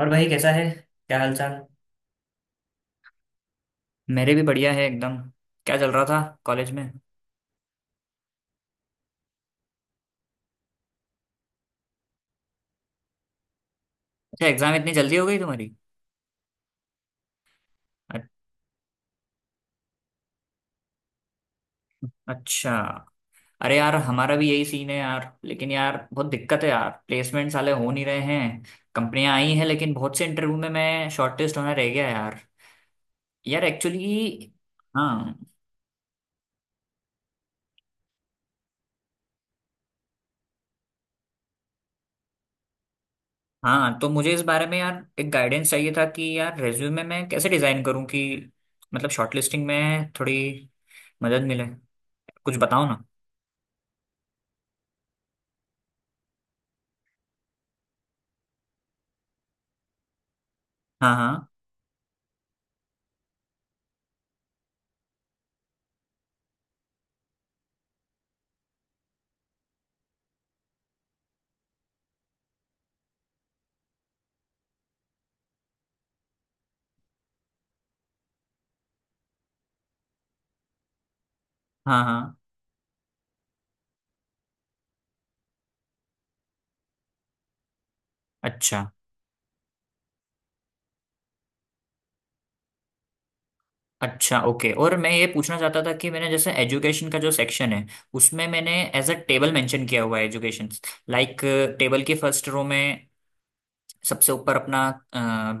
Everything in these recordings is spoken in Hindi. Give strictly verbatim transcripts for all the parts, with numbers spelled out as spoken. और भाई कैसा है। क्या हाल चाल। मेरे भी बढ़िया है एकदम। क्या चल रहा था कॉलेज में। अच्छा, एग्जाम इतनी जल्दी हो गई तुम्हारी। अ- अच्छा। अरे यार, हमारा भी यही सीन है यार, लेकिन यार बहुत दिक्कत है यार, प्लेसमेंट साले हो नहीं रहे हैं। कंपनियां आई हैं लेकिन बहुत से इंटरव्यू में मैं शॉर्टलिस्ट होना रह गया यार। यार एक्चुअली। हाँ हाँ, तो मुझे इस बारे में यार एक गाइडेंस चाहिए था कि यार रेज्यूमे मैं कैसे डिजाइन करूँ कि मतलब शॉर्टलिस्टिंग में थोड़ी मदद मिले। कुछ बताओ ना। हाँ हाँ। हाँ हाँ। अच्छा। अच्छा ओके, और मैं ये पूछना चाहता था कि मैंने जैसे एजुकेशन का जो सेक्शन है, उसमें मैंने एज अ टेबल मेंशन किया हुआ है एजुकेशन। लाइक टेबल की फर्स्ट रो में सबसे ऊपर अपना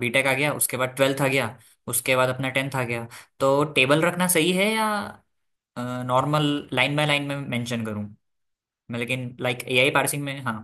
बीटेक आ गया, उसके बाद ट्वेल्थ आ गया, उसके बाद अपना टेंथ आ गया। तो टेबल रखना सही है या नॉर्मल लाइन बाय लाइन में मेंशन करूँ? मैं लेकिन लाइक एआई पार्सिंग में। हाँ।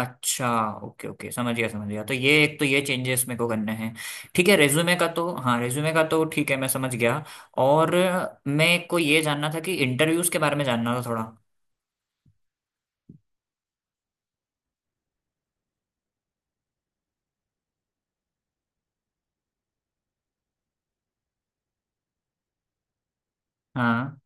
अच्छा ओके ओके, समझ गया समझ गया। तो ये एक तो ये चेंजेस मेरे को करने हैं। ठीक है, रेज्यूमे का तो, हाँ रेज्यूमे का तो ठीक है, मैं समझ गया। और मैं को ये जानना था कि इंटरव्यूज के बारे में जानना था थोड़ा। हाँ।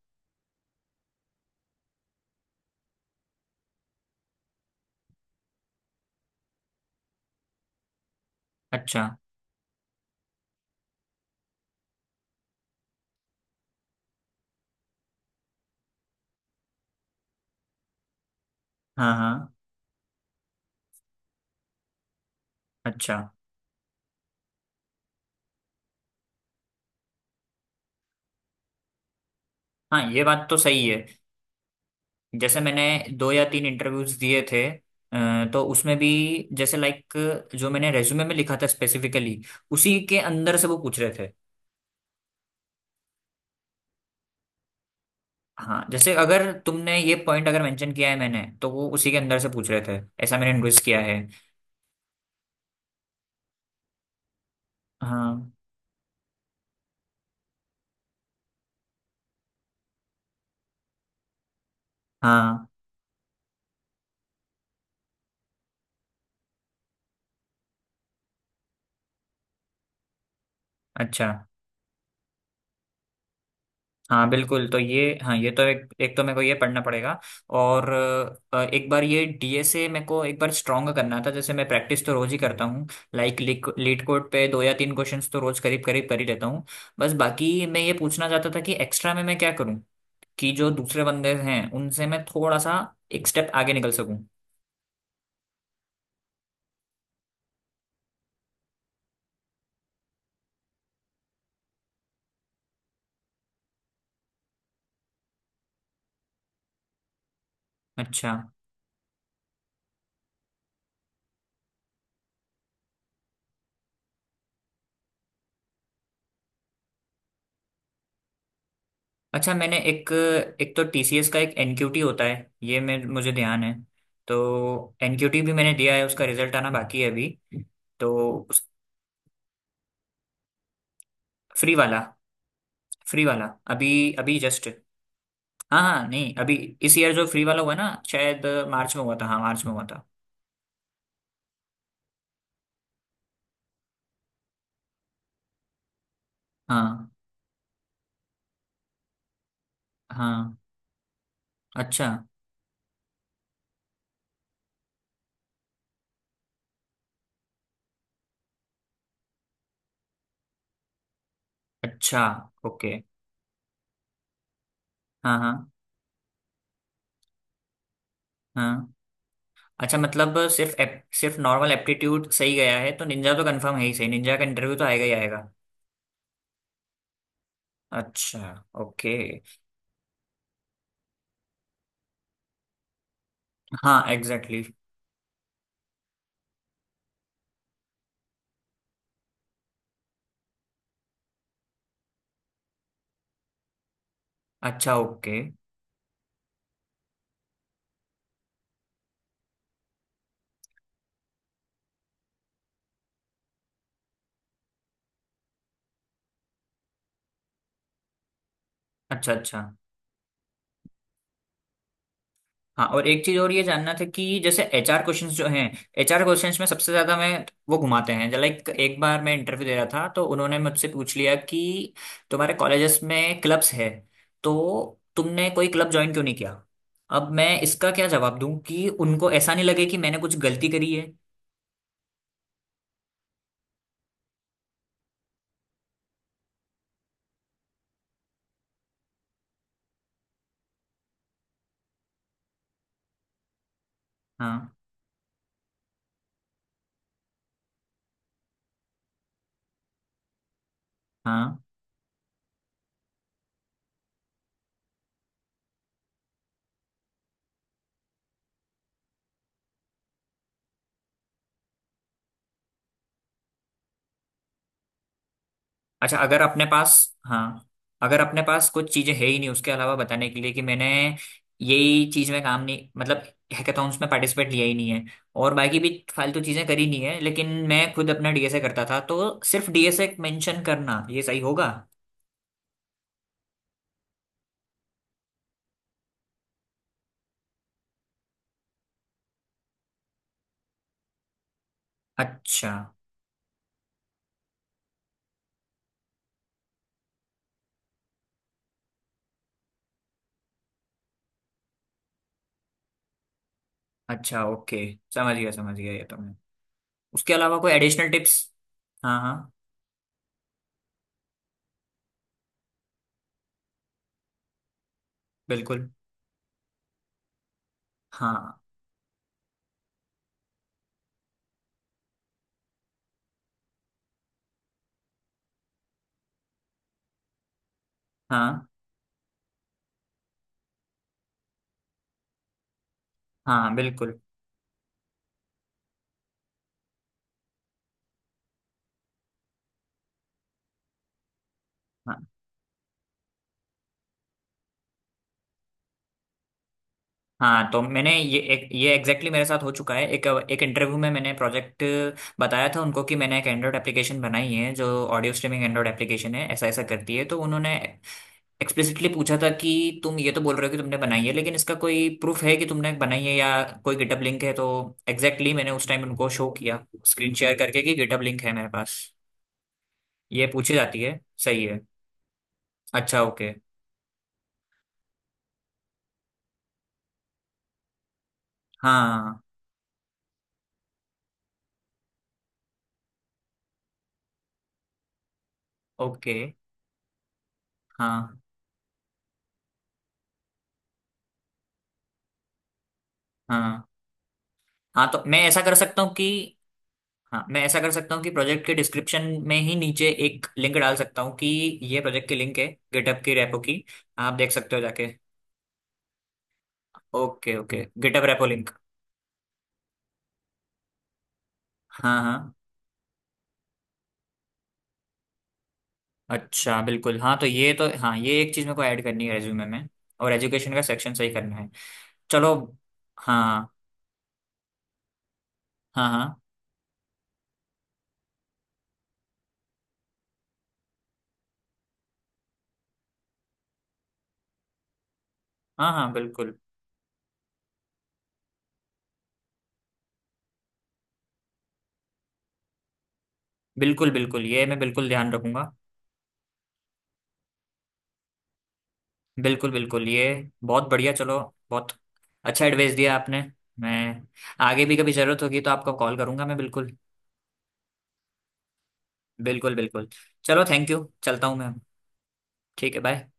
अच्छा। हाँ हाँ। अच्छा। हाँ ये बात तो सही है। जैसे मैंने दो या तीन इंटरव्यूज दिए थे, अ, तो उसमें भी जैसे लाइक जो मैंने रेज्यूमे में लिखा था स्पेसिफिकली, उसी के अंदर से वो पूछ रहे थे। हाँ, जैसे अगर तुमने ये पॉइंट अगर मेंशन किया है मैंने, तो वो उसी के अंदर से पूछ रहे थे, ऐसा मैंने नोटिस किया है। हाँ हाँ। अच्छा। हाँ बिल्कुल, तो ये हाँ ये तो, एक एक तो मेरे को ये पढ़ना पड़ेगा। और अ, एक बार ये डीएसए मेरे को एक बार स्ट्रॉन्ग करना था। जैसे मैं प्रैक्टिस तो रोज ही करता हूँ, लाइक लीड कोड पे दो या तीन क्वेश्चंस तो रोज करीब करीब कर ही लेता हूँ। बस बाकी मैं ये पूछना चाहता था कि एक्स्ट्रा में मैं क्या करूँ कि जो दूसरे बंदे हैं उनसे मैं थोड़ा सा एक स्टेप आगे निकल सकूँ। अच्छा। अच्छा मैंने एक, एक तो टीसीएस का एक एनक्यूटी होता है, ये मैं मुझे ध्यान है। तो एनक्यूटी भी मैंने दिया है, उसका रिजल्ट आना बाकी है अभी। तो उस, फ्री वाला, फ्री वाला, अभी, अभी जस्ट। हाँ हाँ, नहीं अभी इस ईयर जो फ्री वाला हुआ ना, शायद मार्च में हुआ था, हाँ मार्च में हुआ था। हाँ हाँ। अच्छा। अच्छा ओके। हाँ हाँ हाँ। अच्छा, मतलब सिर्फ एप, सिर्फ नॉर्मल एप्टीट्यूड सही गया है तो निंजा तो कंफर्म है ही, सही, निंजा का इंटरव्यू तो आएगा ही आएगा। अच्छा ओके। हाँ एग्जैक्टली exactly। अच्छा ओके। अच्छा अच्छा। हाँ, और एक चीज और ये जानना था कि जैसे एचआर क्वेश्चंस जो हैं, एचआर क्वेश्चंस में सबसे ज्यादा मैं, वो घुमाते हैं। लाइक एक बार मैं इंटरव्यू दे रहा था तो उन्होंने मुझसे पूछ लिया कि तुम्हारे कॉलेजेस में क्लब्स है तो तुमने कोई क्लब ज्वाइन क्यों नहीं किया। अब मैं इसका क्या जवाब दूं कि उनको ऐसा नहीं लगे कि मैंने कुछ गलती करी है। हाँ हाँ। अच्छा, अगर अपने पास, हाँ अगर अपने पास कुछ चीजें है ही नहीं उसके अलावा बताने के लिए, कि मैंने यही चीज में काम नहीं, मतलब हैकाथॉन्स में पार्टिसिपेट लिया ही नहीं है और बाकी भी फालतू चीजें करी नहीं है, लेकिन मैं खुद अपना डीएसए करता था, तो सिर्फ डीएसए मेंशन करना ये सही होगा। अच्छा, अच्छा ओके, समझ गया समझ गया, ये तो मैं, उसके अलावा कोई एडिशनल टिप्स? हाँ हाँ बिल्कुल। हाँ हाँ हाँ बिल्कुल। हाँ। हाँ तो मैंने ये, एक ये एग्जैक्टली exactly मेरे साथ हो चुका है। एक एक इंटरव्यू में मैंने प्रोजेक्ट बताया था उनको कि मैंने एक एंड्रॉयड एप्लीकेशन बनाई है जो ऑडियो स्ट्रीमिंग एंड्रॉयड एप्लीकेशन है, ऐसा ऐसा करती है। तो उन्होंने एक्सप्लिसिटली पूछा था कि तुम ये तो बोल रहे हो कि तुमने बनाई है, लेकिन इसका कोई प्रूफ है कि तुमने बनाई है, या कोई गिटहब लिंक है? तो एग्जैक्टली exactly मैंने उस टाइम उनको शो किया, स्क्रीन शेयर करके, कि गिटहब लिंक है मेरे पास। ये पूछी जाती है, सही है। अच्छा ओके। हाँ ओके। हाँ हाँ हाँ तो मैं ऐसा कर सकता हूँ कि, हाँ मैं ऐसा कर सकता हूँ कि प्रोजेक्ट के डिस्क्रिप्शन में ही नीचे एक लिंक डाल सकता हूँ कि ये प्रोजेक्ट की लिंक है, गिटहब की रेपो की, आप देख सकते हो जाके। Okay okay, GitHub repo link. हाँ हाँ। अच्छा बिल्कुल, हाँ तो ये तो, हाँ ये एक चीज़ मेरे को ऐड करनी है रेज्यूमे में, और एजुकेशन का सेक्शन सही करना है। चलो। हाँ हाँ हाँ हाँ हाँ। बिल्कुल बिल्कुल बिल्कुल, ये मैं बिल्कुल ध्यान रखूंगा। बिल्कुल बिल्कुल, ये बहुत बढ़िया। चलो, बहुत अच्छा एडवाइस दिया आपने। मैं आगे भी कभी ज़रूरत होगी तो आपको कॉल करूंगा, मैं बिल्कुल, बिल्कुल बिल्कुल। चलो थैंक यू, चलता हूँ मैं। ठीक है बाय।